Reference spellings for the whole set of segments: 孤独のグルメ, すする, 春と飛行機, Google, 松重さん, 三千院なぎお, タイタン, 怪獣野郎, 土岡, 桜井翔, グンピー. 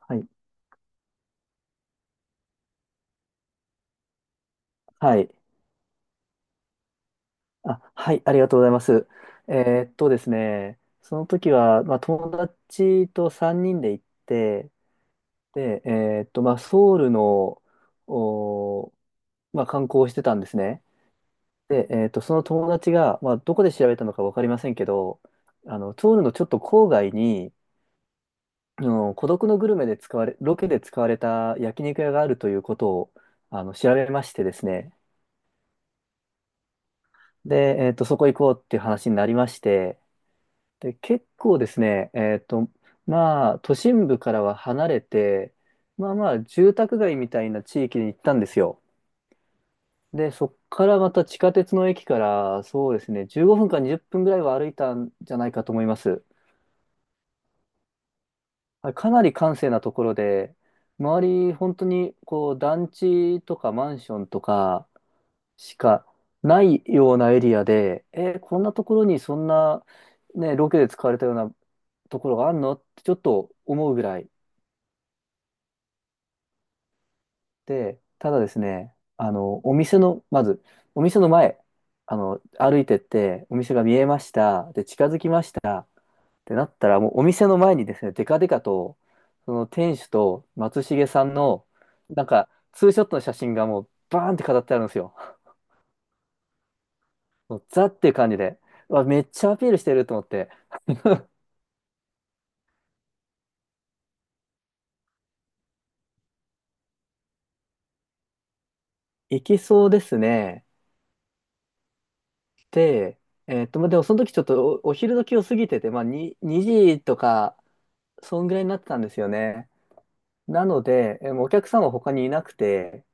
はい。はい。あ、はい。ありがとうございます。ですね、その時は、友達と3人で行って、で、えーっと、まあ、ソウルの、おー、まあ、観光をしてたんですね。で、その友達が、まあ、どこで調べたのか分かりませんけど、あの、ソウルのちょっと郊外に、あの、孤独のグルメで使われ、ロケで使われた焼肉屋があるということを、あの、調べましてですね、で、そこ行こうっていう話になりまして、で、結構ですね、まあ、都心部からは離れて、まあ、住宅街みたいな地域に行ったんですよ。で、そっからまた地下鉄の駅から、そうですね、15分か20分ぐらいは歩いたんじゃないかと思います。はい、かなり閑静なところで、周り、本当に、こう、団地とかマンションとかしかないようなエリアで、えーこんなところにそんな、ね、ロケで使われたようなところがあるのってちょっと思うぐらい。で、ただですね、あの、お店の、まず、お店の前、あの、歩いてって、お店が見えました、で、近づきましたってなったら、もうお店の前にですね、デカデカと、その店主と松重さんの、なんか、ツーショットの写真がもう、バーンって飾ってあるんですよ。もうザっていう感じで、うわ、めっちゃアピールしてると思って、いけそうですね。で、まあ、でもその時ちょっとお昼時を過ぎてて、まあ、に2時とか、そんぐらいになってたんですよね。なので、えーお客さんは他にいなくて、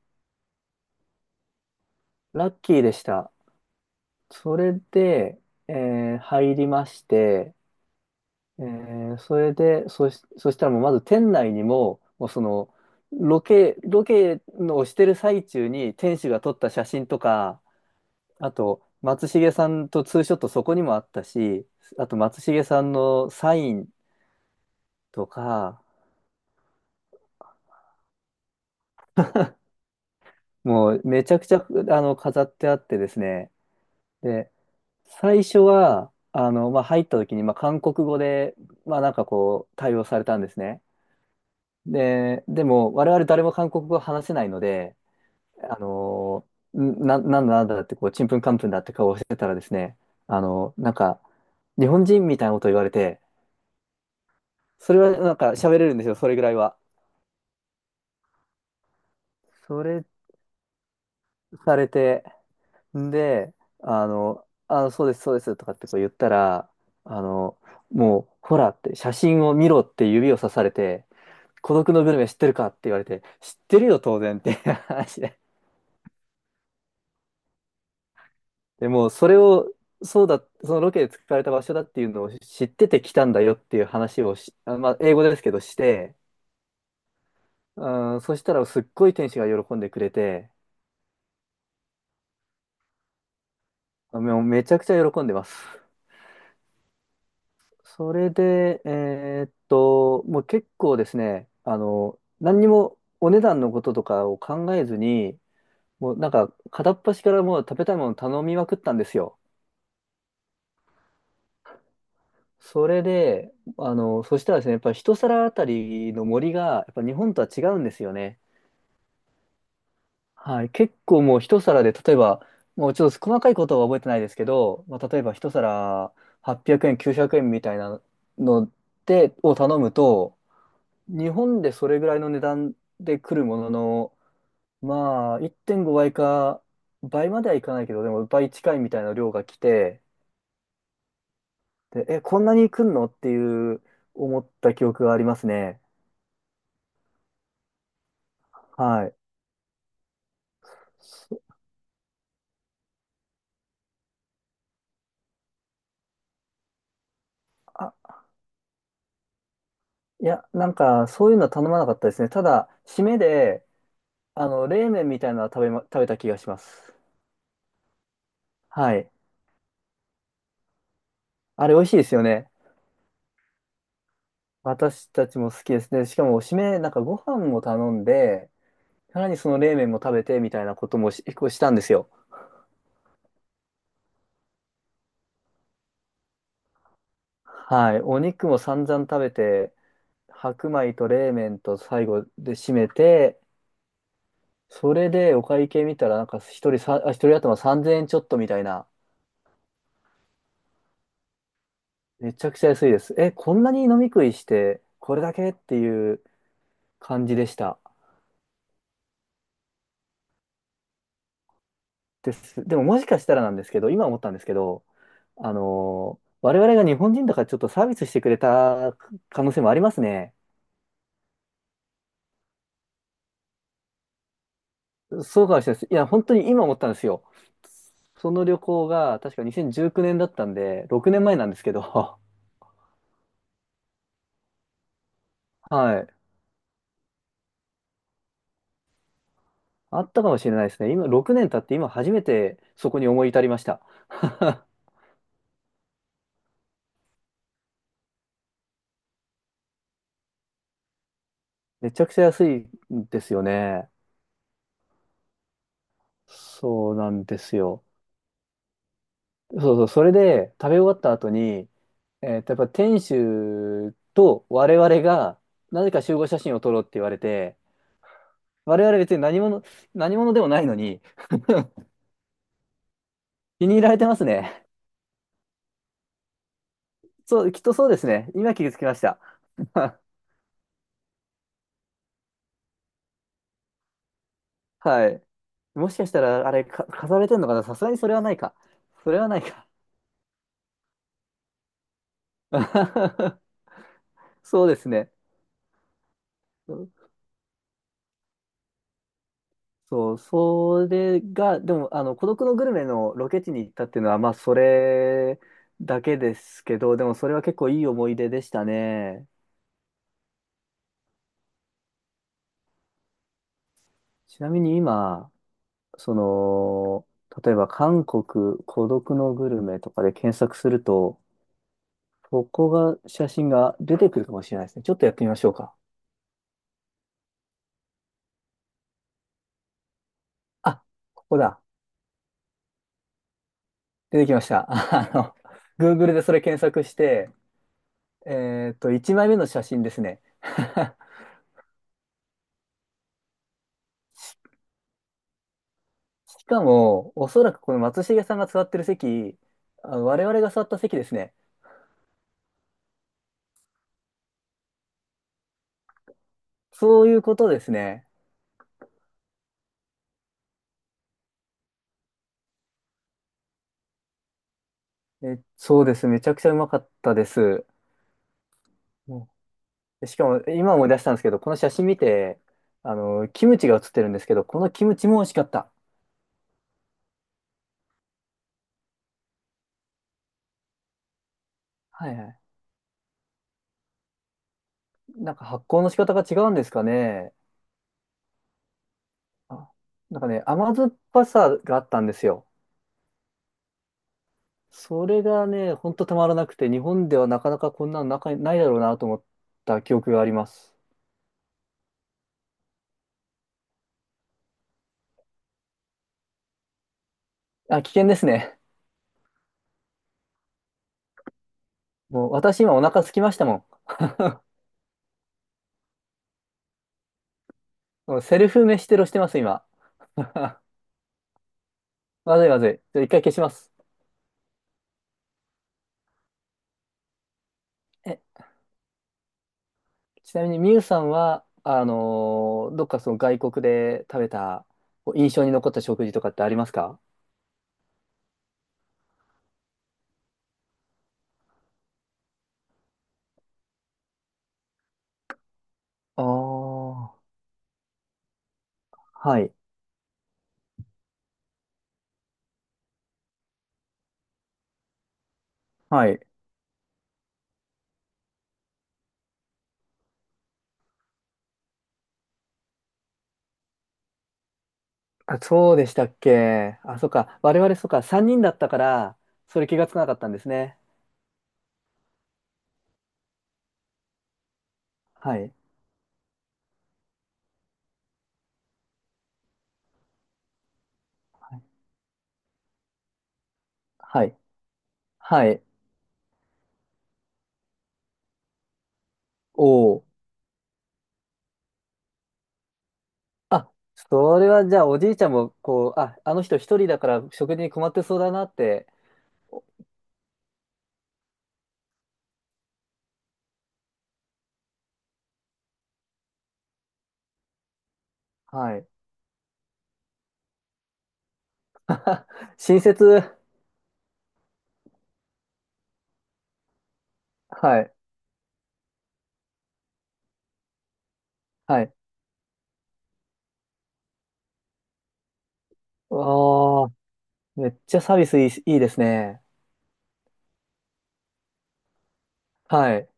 ラッキーでした。それで、えー入りまして、えーそれで、そしたらもうまず店内にも、もうその、ロケのをしてる最中に店主が撮った写真とか、あと、松重さんとツーショットそこにもあったし、あと松重さんのサインとか、もうめちゃくちゃ、あの、飾ってあってですね、で最初は、あの、まあ、入った時に、まあ、韓国語で、まあ、なんかこう、対応されたんですね。でも、我々誰も韓国語話せないので、あの、なんだなんだって、こう、ちんぷんかんぷんだって顔をしてたらですね、あの、なんか、日本人みたいなこと言われて、それはなんか喋れるんですよ、それぐらいは。それされて、で、あの、あ、そうです、そうです、とかってこう言ったら、あの、もう、ほらって、写真を見ろって指をさされて、孤独のグルメ知ってるかって言われて、知ってるよ、当然っていう 話で。でも、それを、そうだ、そのロケで使われた場所だっていうのを知ってて来たんだよっていう話をし、あまあ、英語ですけどして、うん、そしたらすっごい天使が喜んでくれて、もうめちゃくちゃ喜んでます。それで、もう結構ですね、あの、何にもお値段のこととかを考えずに、もうなんか片っ端からもう食べたいもの頼みまくったんですよ。それで、あの、そしたらですね、やっぱり一皿あたりの森が、やっぱ日本とは違うんですよね。はい。結構もう一皿で、例えば、もうちょっと細かいことは覚えてないですけど、まあ、例えば一皿800円、900円みたいなので、を頼むと、日本でそれぐらいの値段で来るものの、まあ、1.5倍か、倍まではいかないけど、でも倍近いみたいな量が来て、で、え、こんなに来んのっていう思った記憶がありますね。はい、そあ、いや、なんか、そういうのは頼まなかったですね。ただ、締めで、あの、冷麺みたいなのは食べた気がします。はい。あれ、美味しいですよね。私たちも好きですね。しかも、締め、なんか、ご飯も頼んで、さらにその冷麺も食べて、みたいなこともし、こうしたんですよ。はい。お肉も散々食べて、白米と冷麺と最後で締めて、それでお会計見たら、なんか、一人頭3000円ちょっとみたいな。めちゃくちゃ安いです。え、こんなに飲み食いして、これだけっていう感じでした。です。でももしかしたらなんですけど、今思ったんですけど、あの、我々が日本人だからちょっとサービスしてくれた可能性もありますね。そうかもしれないです。いや、本当に今思ったんですよ。その旅行が確か2019年だったんで、6年前なんですけど、はい。あったかもしれないですね。今、6年経って今初めてそこに思い至りました。めちゃくちゃ安いんですよね。そうなんですよ。そうそう、それで食べ終わった後に、えーと、やっぱ店主と我々が、なぜか集合写真を撮ろうって言われて、我々別に何者、何者でもないのに、気に入られてますね。そう、きっとそうですね。今気がつきました。はい。もしかしたら、あれ、か、飾られてんのかな、さすがにそれはないか。それはないか。そうですね。そう、それが、でも、あの、孤独のグルメのロケ地に行ったっていうのは、まあ、それだけですけど、でも、それは結構いい思い出でしたね。ちなみに今、その、例えば、韓国孤独のグルメとかで検索すると、ここが、写真が出てくるかもしれないですね。ちょっとやってみましょうか。あ、ここだ。出てきました。あの、Google でそれ検索して、1枚目の写真ですね。しかも、おそらくこの松重さんが座ってる席、あ我々が座った席ですね。そういうことですね。え、そうです。めちゃくちゃうまかったです。もうしかも、今思い出したんですけど、この写真見て、あの、キムチが写ってるんですけど、このキムチも美味しかった。はいはい。なんか発酵の仕方が違うんですかね。あ、なんかね、甘酸っぱさがあったんですよ。それがね、ほんとたまらなくて、日本ではなかなかこんなのなかないだろうなと思った記憶があります。あ、危険ですね。もう私今お腹空きましたもん。もうセルフ飯テロしてます、今。まずい、まずい。ちょっと一回消します。え、ちなみにみゆさんは、あのーどっかその外国で食べた、こう印象に残った食事とかってありますか？ああー、はい。はい。あ、そうでしたっけ。あ、そっか。我々そっか。3人だったから、それ気がつかなかったんですね。はい。はい。はい。はいおあ、それはじゃあおじいちゃんも、こう、あ、あの人一人だから食事に困ってそうだなって、はい。親切、はい、はい。ああ、めっちゃサービスいい、いいですね。はい。